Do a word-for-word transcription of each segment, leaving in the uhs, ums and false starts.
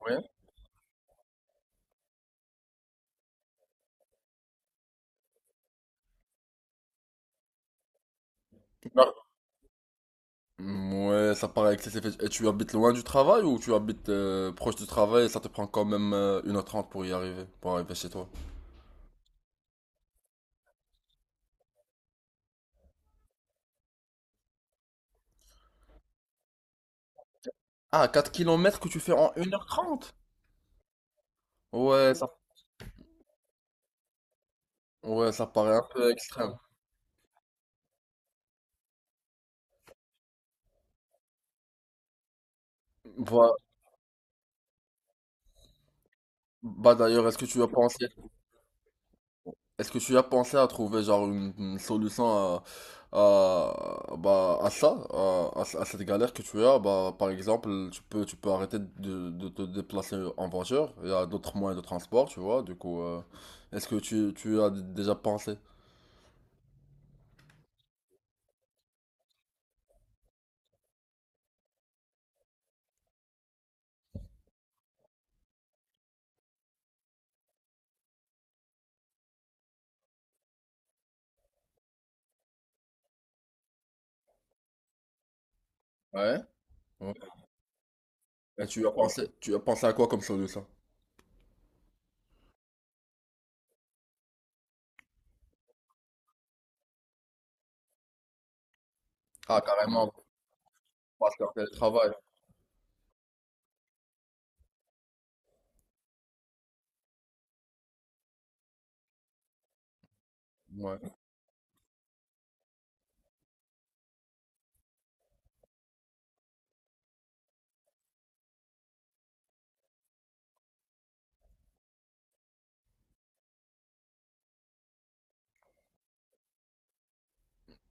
Ouais. Mar- Ouais, ça paraît excessif. Et tu habites loin du travail ou tu habites euh, proche du travail et ça te prend quand même euh, une heure trente pour y arriver, pour arriver chez toi? Ah, quatre kilomètres que tu fais en une heure trente. Ouais, ça, ouais, ça paraît un peu extrême. Voilà. Bah d'ailleurs, est-ce que tu as pensé est-ce que tu as pensé à trouver genre une, une solution à, à, bah, à ça, à, à ce- à cette galère que tu as? Bah, par exemple, tu peux, tu peux arrêter de, de te déplacer en voiture. Il y a d'autres moyens de transport, tu vois. Du coup, euh, est-ce que tu, tu as d- déjà pensé? Ouais. Ouais. Et tu as pensé, tu as pensé à quoi comme solution? Ah, carrément, parce qu'en télétravail. Ouais.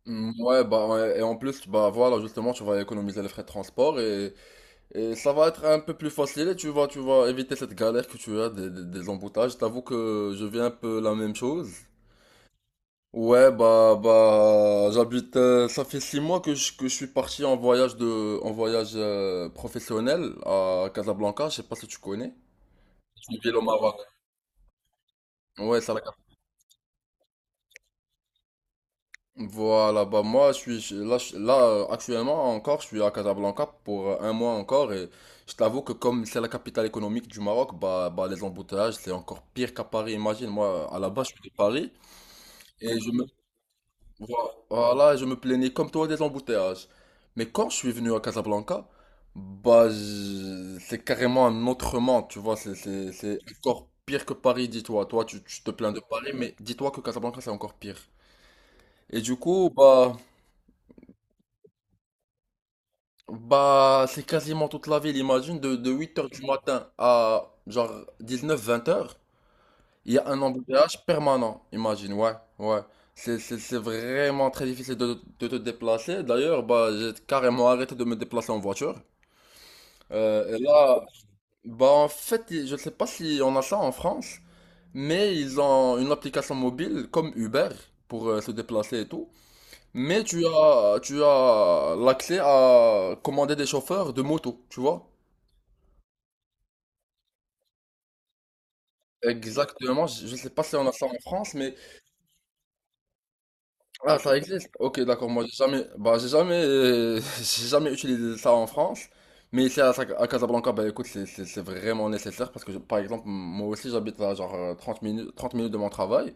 Mm, ouais, bah, ouais. Et en plus, bah, voilà, justement, tu vas économiser les frais de transport et Et ça va être un peu plus facile et tu vas, tu vas éviter cette galère que tu as des, des, des emboutages. T'avoue que je vis un peu la même chose. Ouais, bah, bah, j'habite, euh, ça fait six mois que je, que je suis parti en voyage de, en voyage euh, professionnel à Casablanca. Je sais pas si tu connais. C'est une ville au Maroc. Ouais, ça. Voilà, bah moi je suis je- là, je- là euh, actuellement encore, je suis à Casablanca pour euh, un mois encore et je t'avoue que comme c'est la capitale économique du Maroc, bah, bah les embouteillages c'est encore pire qu'à Paris, imagine, moi à la base je suis de Paris et je me, vo- voilà, je me plaignais comme toi des embouteillages. Mais quand je suis venu à Casablanca, bah je- c'est carrément un autre monde, tu vois, c'est c'est- c'est encore pire que Paris, dis-toi. Toi tu, tu te plains de Paris, mais dis-toi que Casablanca c'est encore pire. Et du coup, bah. Bah, c'est quasiment toute la ville, imagine, de, de huit heures du matin à genre dix neuf vingt heures, il y a un embouteillage permanent, imagine, ouais, ouais. C'est, c'est, c'est vraiment très difficile de, de te déplacer. D'ailleurs, bah, j'ai carrément arrêté de me déplacer en voiture. Euh, et là, bah, en fait, je sais pas si on a ça en France, mais ils ont une application mobile comme Uber pour euh, se déplacer et tout. Mais tu as, tu as l'accès à commander des chauffeurs de moto, tu vois? Exactement, je je sais pas si on a ça en France, mais ah ça existe. OK, d'accord. Moi, j'ai jamais, bah j'ai jamais, euh, j'ai jamais utilisé ça en France, mais ici à, Sa- à Casablanca, bah écoute, c'est c'est- c'est vraiment nécessaire parce que je- par exemple, moi aussi j'habite à genre euh, trente minutes, trente minutes de mon travail,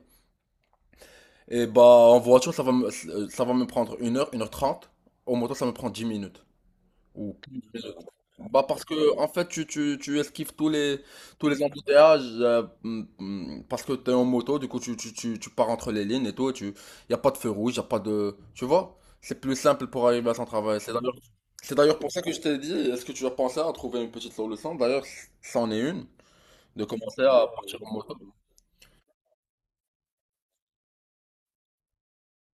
et bah en voiture ça va me, ça va me prendre une heure, une heure trente. Au moto ça me prend dix minutes. Ou- Bah parce que en fait tu, tu, tu esquives tous les tous les embouteillages euh, mm, mm, parce que t'es en moto du coup tu, tu, tu, tu pars entre les lignes et tout et tu y a pas de feu rouge y a pas de tu vois c'est plus simple pour arriver à son travail c'est d'ailleurs c'est d'ailleurs pour ça que je t'ai dit est-ce que tu as pensé à trouver une petite solution d'ailleurs c'en est une de commencer à partir en moto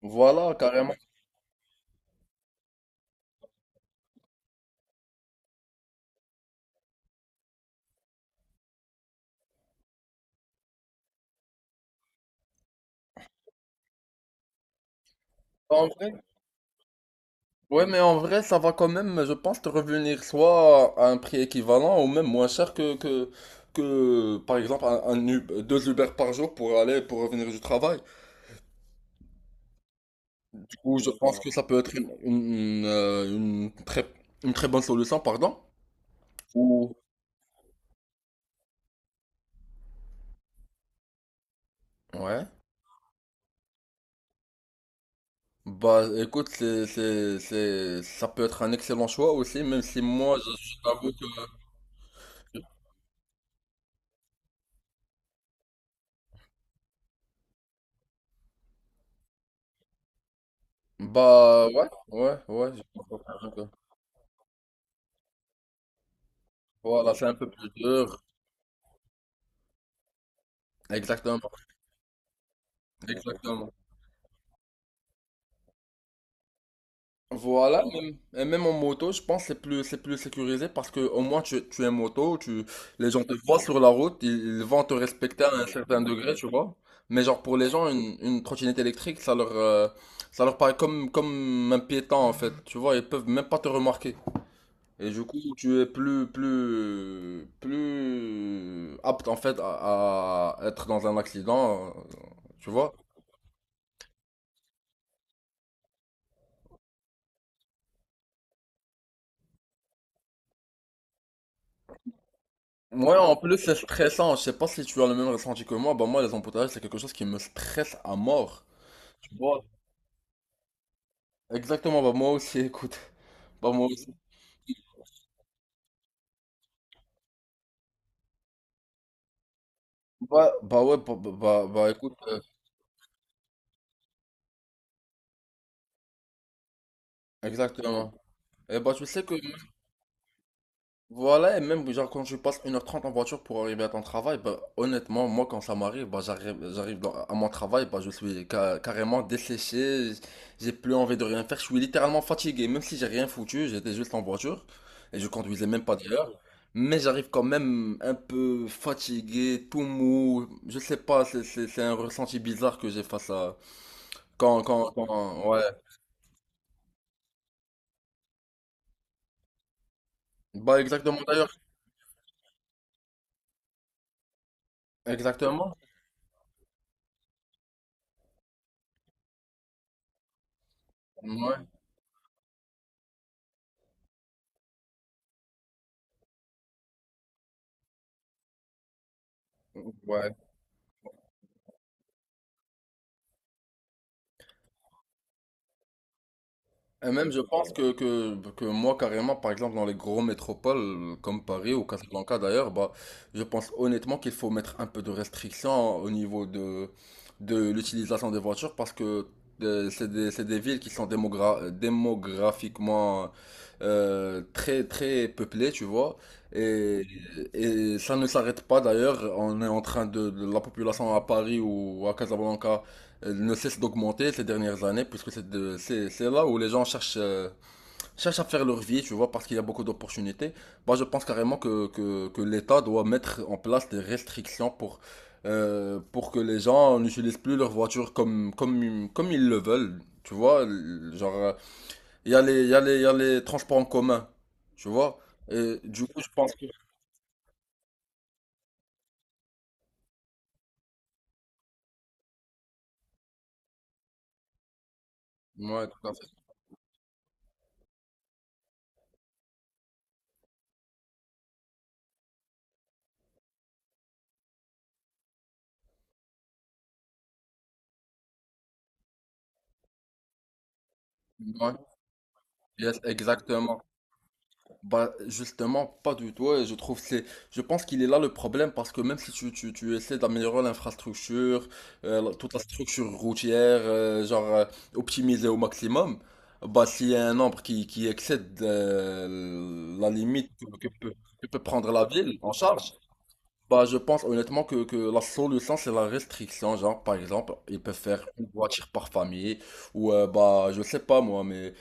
voilà carrément en vrai ouais, mais en vrai, ça va quand même, je pense, te revenir soit à un prix équivalent ou même moins cher que, que, que par exemple, un, un Ub- deux Uber par jour pour aller, pour revenir du travail. Ou je pense que ça peut être une, une, une, euh, une très, une très bonne solution, pardon. Ou... Ouais. Bah, écoute, c'est, c'est, c'est, ça peut être un excellent choix aussi, même si moi, je, je t'avoue que... Bah, ouais, ouais, ouais. je pense que- Voilà, c'est un peu plus dur. Exactement. Exactement. Voilà, même, et même en moto, je pense que c'est plus, c'est plus sécurisé parce que au moins tu, tu es moto, tu, les gens te voient sur la route, ils, ils vont te respecter à un certain degré, tu vois. Mais genre pour les gens, une, une trottinette électrique, ça leur, euh, ça leur paraît comme, comme un piéton en fait, tu vois, ils peuvent même pas te remarquer. Et du coup, tu es plus, plus, plus apte en fait à, à être dans un accident, euh, tu vois. Ouais, en plus c'est stressant. Je sais pas si tu as le même ressenti que moi. Bah moi les embouteillages c'est quelque chose qui me stresse à mort. Exactement. Bah moi aussi. Écoute. Bah moi aussi. Bah, bah ouais. Bah, bah, bah, bah, écoute. euh, exactement. Et bah tu sais que voilà, et même genre quand je passe une heure trente en voiture pour arriver à ton travail, bah, honnêtement, moi quand ça m'arrive, bah, j'arrive, j'arrive dans- à mon travail, bah, je suis ca- carrément desséché, j'ai plus envie de rien faire, je suis littéralement fatigué, même si j'ai rien foutu, j'étais juste en voiture et je conduisais même pas d'ailleurs, mais j'arrive quand même un peu fatigué, tout mou, je sais pas, c'est c'est- c'est un ressenti bizarre que j'ai face à... Quand, quand, quand, ouais. Bah exactement d'ailleurs, exactement, ouais, ouais. Et même, je pense que, que, que moi, carrément, par exemple, dans les gros métropoles comme Paris ou Casablanca d'ailleurs, bah, je pense honnêtement qu'il faut mettre un peu de restrictions au niveau de, de l'utilisation des voitures parce que euh, c'est des, c'est des villes qui sont démogra- démographiquement euh, très, très peuplées, tu vois. Et, et ça ne s'arrête pas d'ailleurs. On est en train de, de- la population à Paris ou à Casablanca elle ne cesse d'augmenter ces dernières années, puisque c'est de- c'est c'est là où les gens cherchent, euh, cherchent à faire leur vie, tu vois, parce qu'il y a beaucoup d'opportunités. Moi, je pense carrément que, que, que l'État doit mettre en place des restrictions pour, euh, pour que les gens n'utilisent plus leur voiture comme, comme, comme ils le veulent, tu vois. Genre, euh, il y a les, il y a les, il y a les transports en commun, tu vois. Et du coup, je pense que... Ouais, tout à fait. Ouais, yes, exactement. Bah, justement, pas du tout. Et je trouve que c'est, je pense qu'il est là le problème parce que même si tu, tu, tu essaies d'améliorer l'infrastructure, euh, la- toute la structure routière, euh, genre euh, optimiser au maximum, bah, s'il y a un nombre qui, qui excède euh, la limite que, que peut, que peut prendre la ville en charge, bah, je pense honnêtement que, que la solution c'est la restriction. Genre, par exemple, ils peuvent faire une voiture par famille ou, euh, bah, je sais pas moi, mais.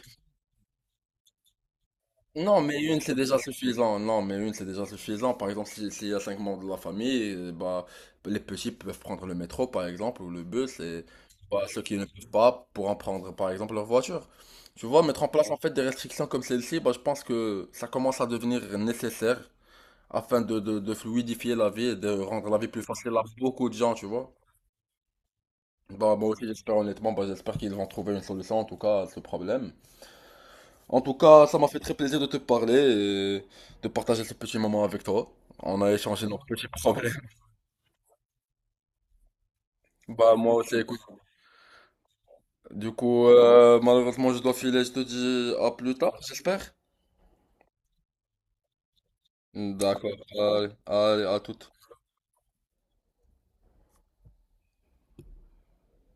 Non, mais une, c'est déjà suffisant. Non, mais une, c'est déjà suffisant. Par exemple, si- s'il y a cinq membres de la famille, euh, bah, les petits peuvent prendre le métro, par exemple, ou le bus, et bah, ceux qui ne peuvent pas pourront prendre, par exemple, leur voiture. Tu vois, mettre en place, en fait, des restrictions comme celle-ci, bah, je pense que ça commence à devenir nécessaire afin de, de, de fluidifier la vie et de rendre la vie plus facile à beaucoup de gens, tu vois. Bah, moi aussi, j'espère, honnêtement, bah, j'espère qu'ils vont trouver une solution, en tout cas, à ce problème. En tout cas, ça m'a fait très plaisir de te parler et de partager ce petit moment avec toi. On a échangé nos petits problèmes. Bah moi aussi, écoute. Du coup, euh, malheureusement, je dois filer. Je te dis à plus tard, j'espère. D'accord. Allez, allez, à toute.